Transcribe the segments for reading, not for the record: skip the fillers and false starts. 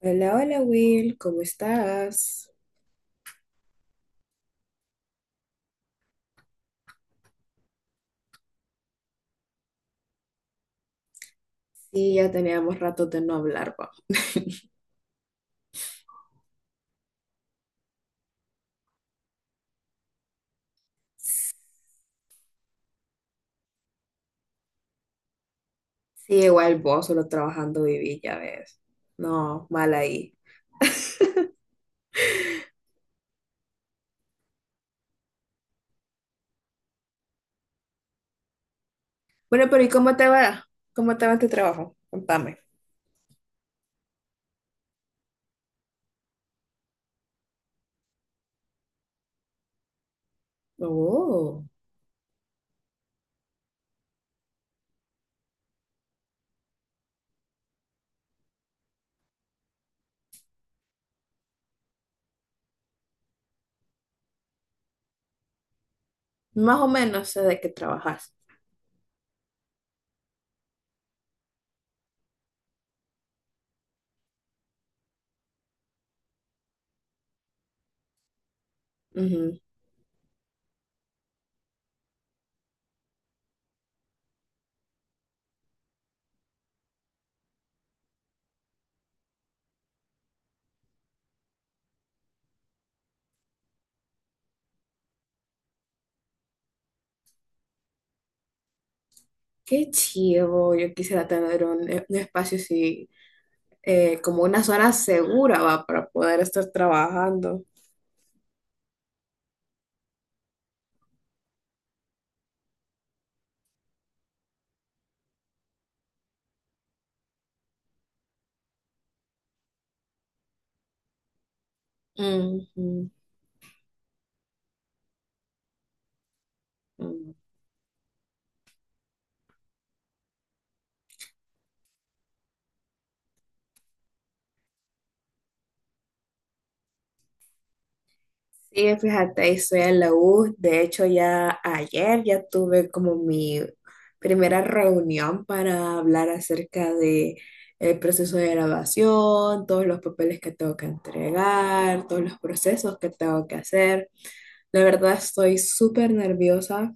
Hola, hola Will, ¿cómo estás? Sí, ya teníamos rato de no hablar, pa. Sí, igual vos solo trabajando viví, ya ves. No, mal ahí. Bueno, pero ¿y cómo te va? ¿Cómo te va en tu trabajo? Contame. Oh, más o menos sé de qué trabajas. Ujú. Qué chido, yo quisiera tener un espacio así, como una zona segura, va, para poder estar trabajando. Ujú, ujú. Sí, fíjate, ahí estoy en la U. De hecho, ya ayer ya tuve como mi primera reunión para hablar acerca de el proceso de grabación, todos los papeles que tengo que entregar, todos los procesos que tengo que hacer. La verdad estoy súper nerviosa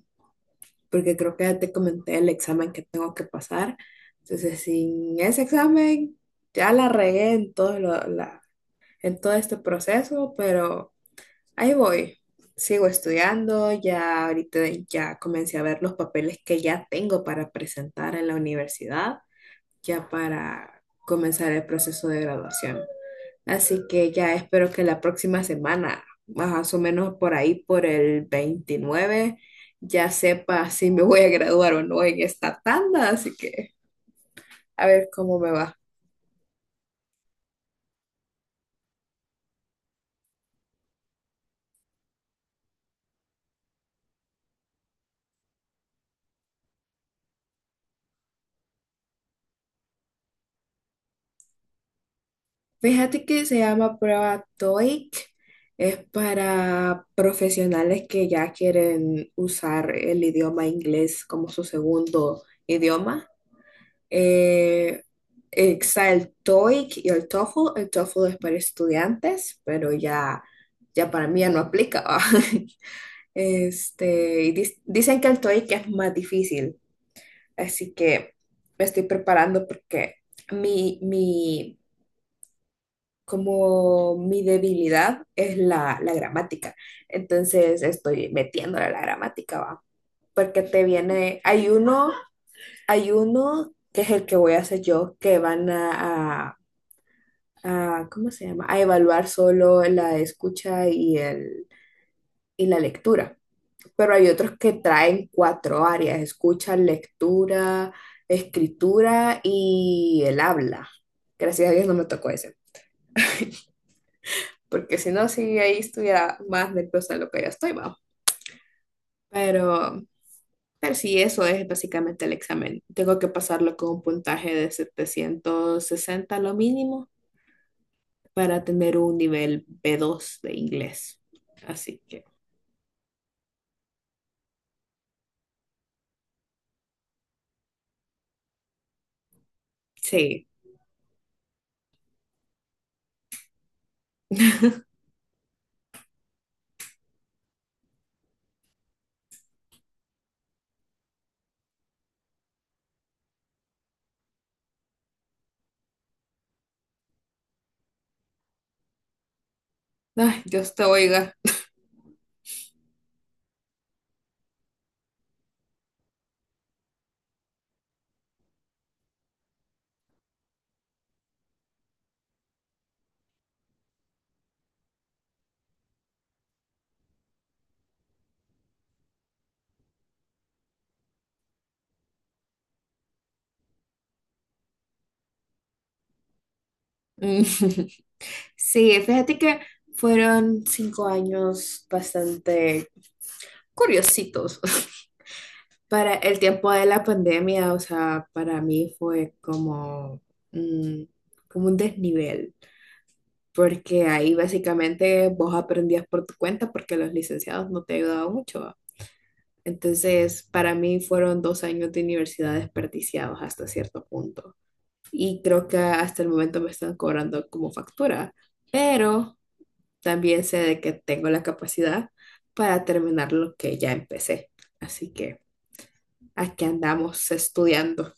porque creo que ya te comenté el examen que tengo que pasar. Entonces, sin ese examen, ya la regué en todo en todo este proceso, pero. Ahí voy. Sigo estudiando, ya ahorita ya comencé a ver los papeles que ya tengo para presentar en la universidad, ya para comenzar el proceso de graduación. Así que ya espero que la próxima semana, más o menos por ahí, por el 29, ya sepa si me voy a graduar o no en esta tanda. Así que a ver cómo me va. Fíjate que se llama prueba TOEIC. Es para profesionales que ya quieren usar el idioma inglés como su segundo idioma. Eh, Está el TOEIC y el TOEFL. El TOEFL es para estudiantes, pero ya para mí ya no aplica, ¿va? Y dicen que el TOEIC es más difícil, así que me estoy preparando porque mi, como mi debilidad es la gramática. Entonces estoy metiéndole a la gramática, va. Porque te viene, hay uno que es el que voy a hacer yo, que van ¿cómo se llama? A evaluar solo la escucha y la lectura. Pero hay otros que traen cuatro áreas: escucha, lectura, escritura y el habla. Gracias a Dios no me tocó ese. Porque si no, sí, ahí estuviera más nerviosa de lo que ya estoy, va. Pero, pero sí, eso es básicamente el examen. Tengo que pasarlo con un puntaje de 760 lo mínimo para tener un nivel B2 de inglés. Así que, sí. Ay, Dios te oiga. Mm. Sí, fíjate que fueron 5 años bastante curiositos. Para el tiempo de la pandemia, o sea, para mí fue como, mm, como un desnivel, porque ahí básicamente vos aprendías por tu cuenta porque los licenciados no te ayudaban mucho, ¿va? Entonces, para mí fueron 2 años de universidad desperdiciados hasta cierto punto. Y creo que hasta el momento me están cobrando como factura, pero también sé de que tengo la capacidad para terminar lo que ya empecé. Así que aquí andamos estudiando.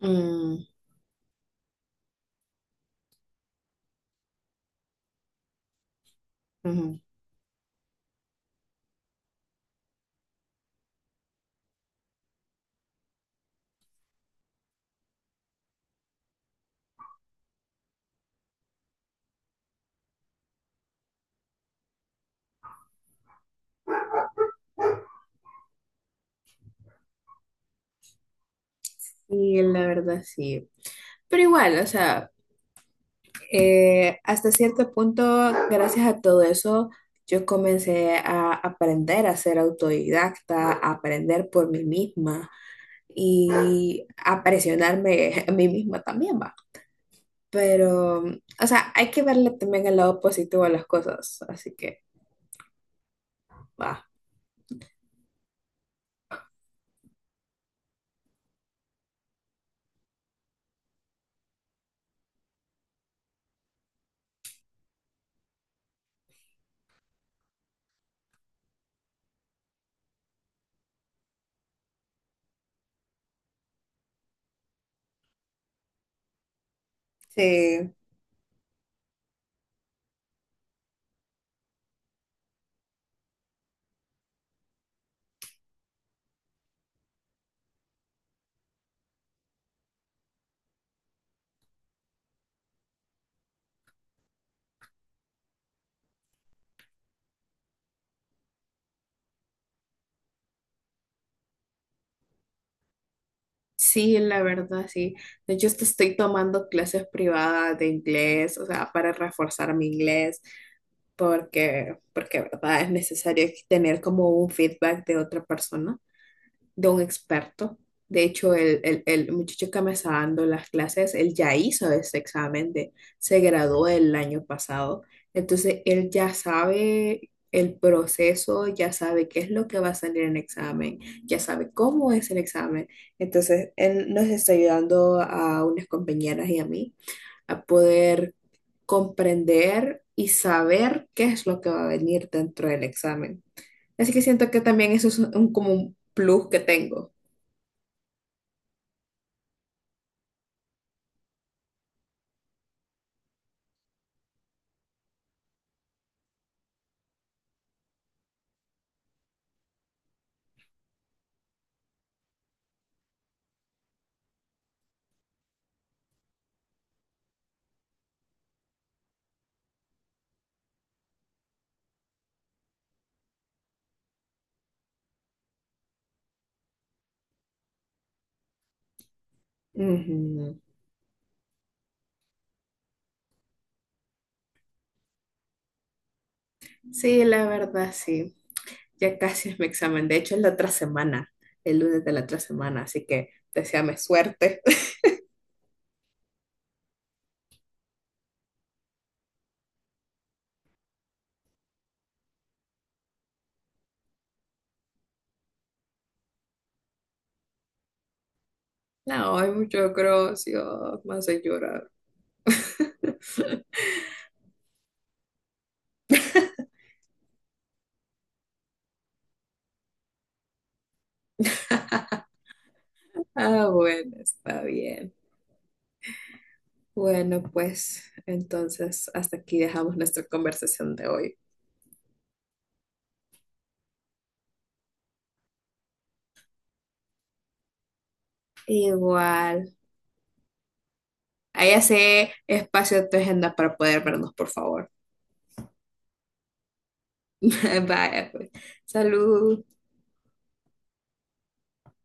Mm, ujú. Sí, la verdad sí. Pero igual, o sea, hasta cierto punto, gracias a todo eso, yo comencé a aprender a ser autodidacta, a aprender por mí misma y a presionarme a mí misma también, va. Pero, o sea, hay que verle también el lado positivo a las cosas, así que, va. Sí, sí, la verdad, sí. De hecho, hasta estoy tomando clases privadas de inglés, o sea, para reforzar mi inglés, porque, verdad, es necesario tener como un feedback de otra persona, de un experto. De hecho, el muchacho que me está dando las clases, él ya hizo ese examen, se graduó el año pasado. Entonces, él ya sabe el proceso, ya sabe qué es lo que va a salir en el examen, ya sabe cómo es el examen. Entonces, él nos está ayudando a unas compañeras y a mí a poder comprender y saber qué es lo que va a venir dentro del examen. Así que siento que también eso es como un plus que tengo. Ujú. Sí, la verdad, sí. Ya casi es mi examen. De hecho, es la otra semana, el lunes de la otra semana, así que deséame suerte. No, hay mucho gracias, me hace llorar. Ah, bueno, está bien. Bueno, pues entonces hasta aquí dejamos nuestra conversación de hoy. Igual. Ahí hace espacio en tu agenda para poder vernos, por favor. Vaya, pues. Salud.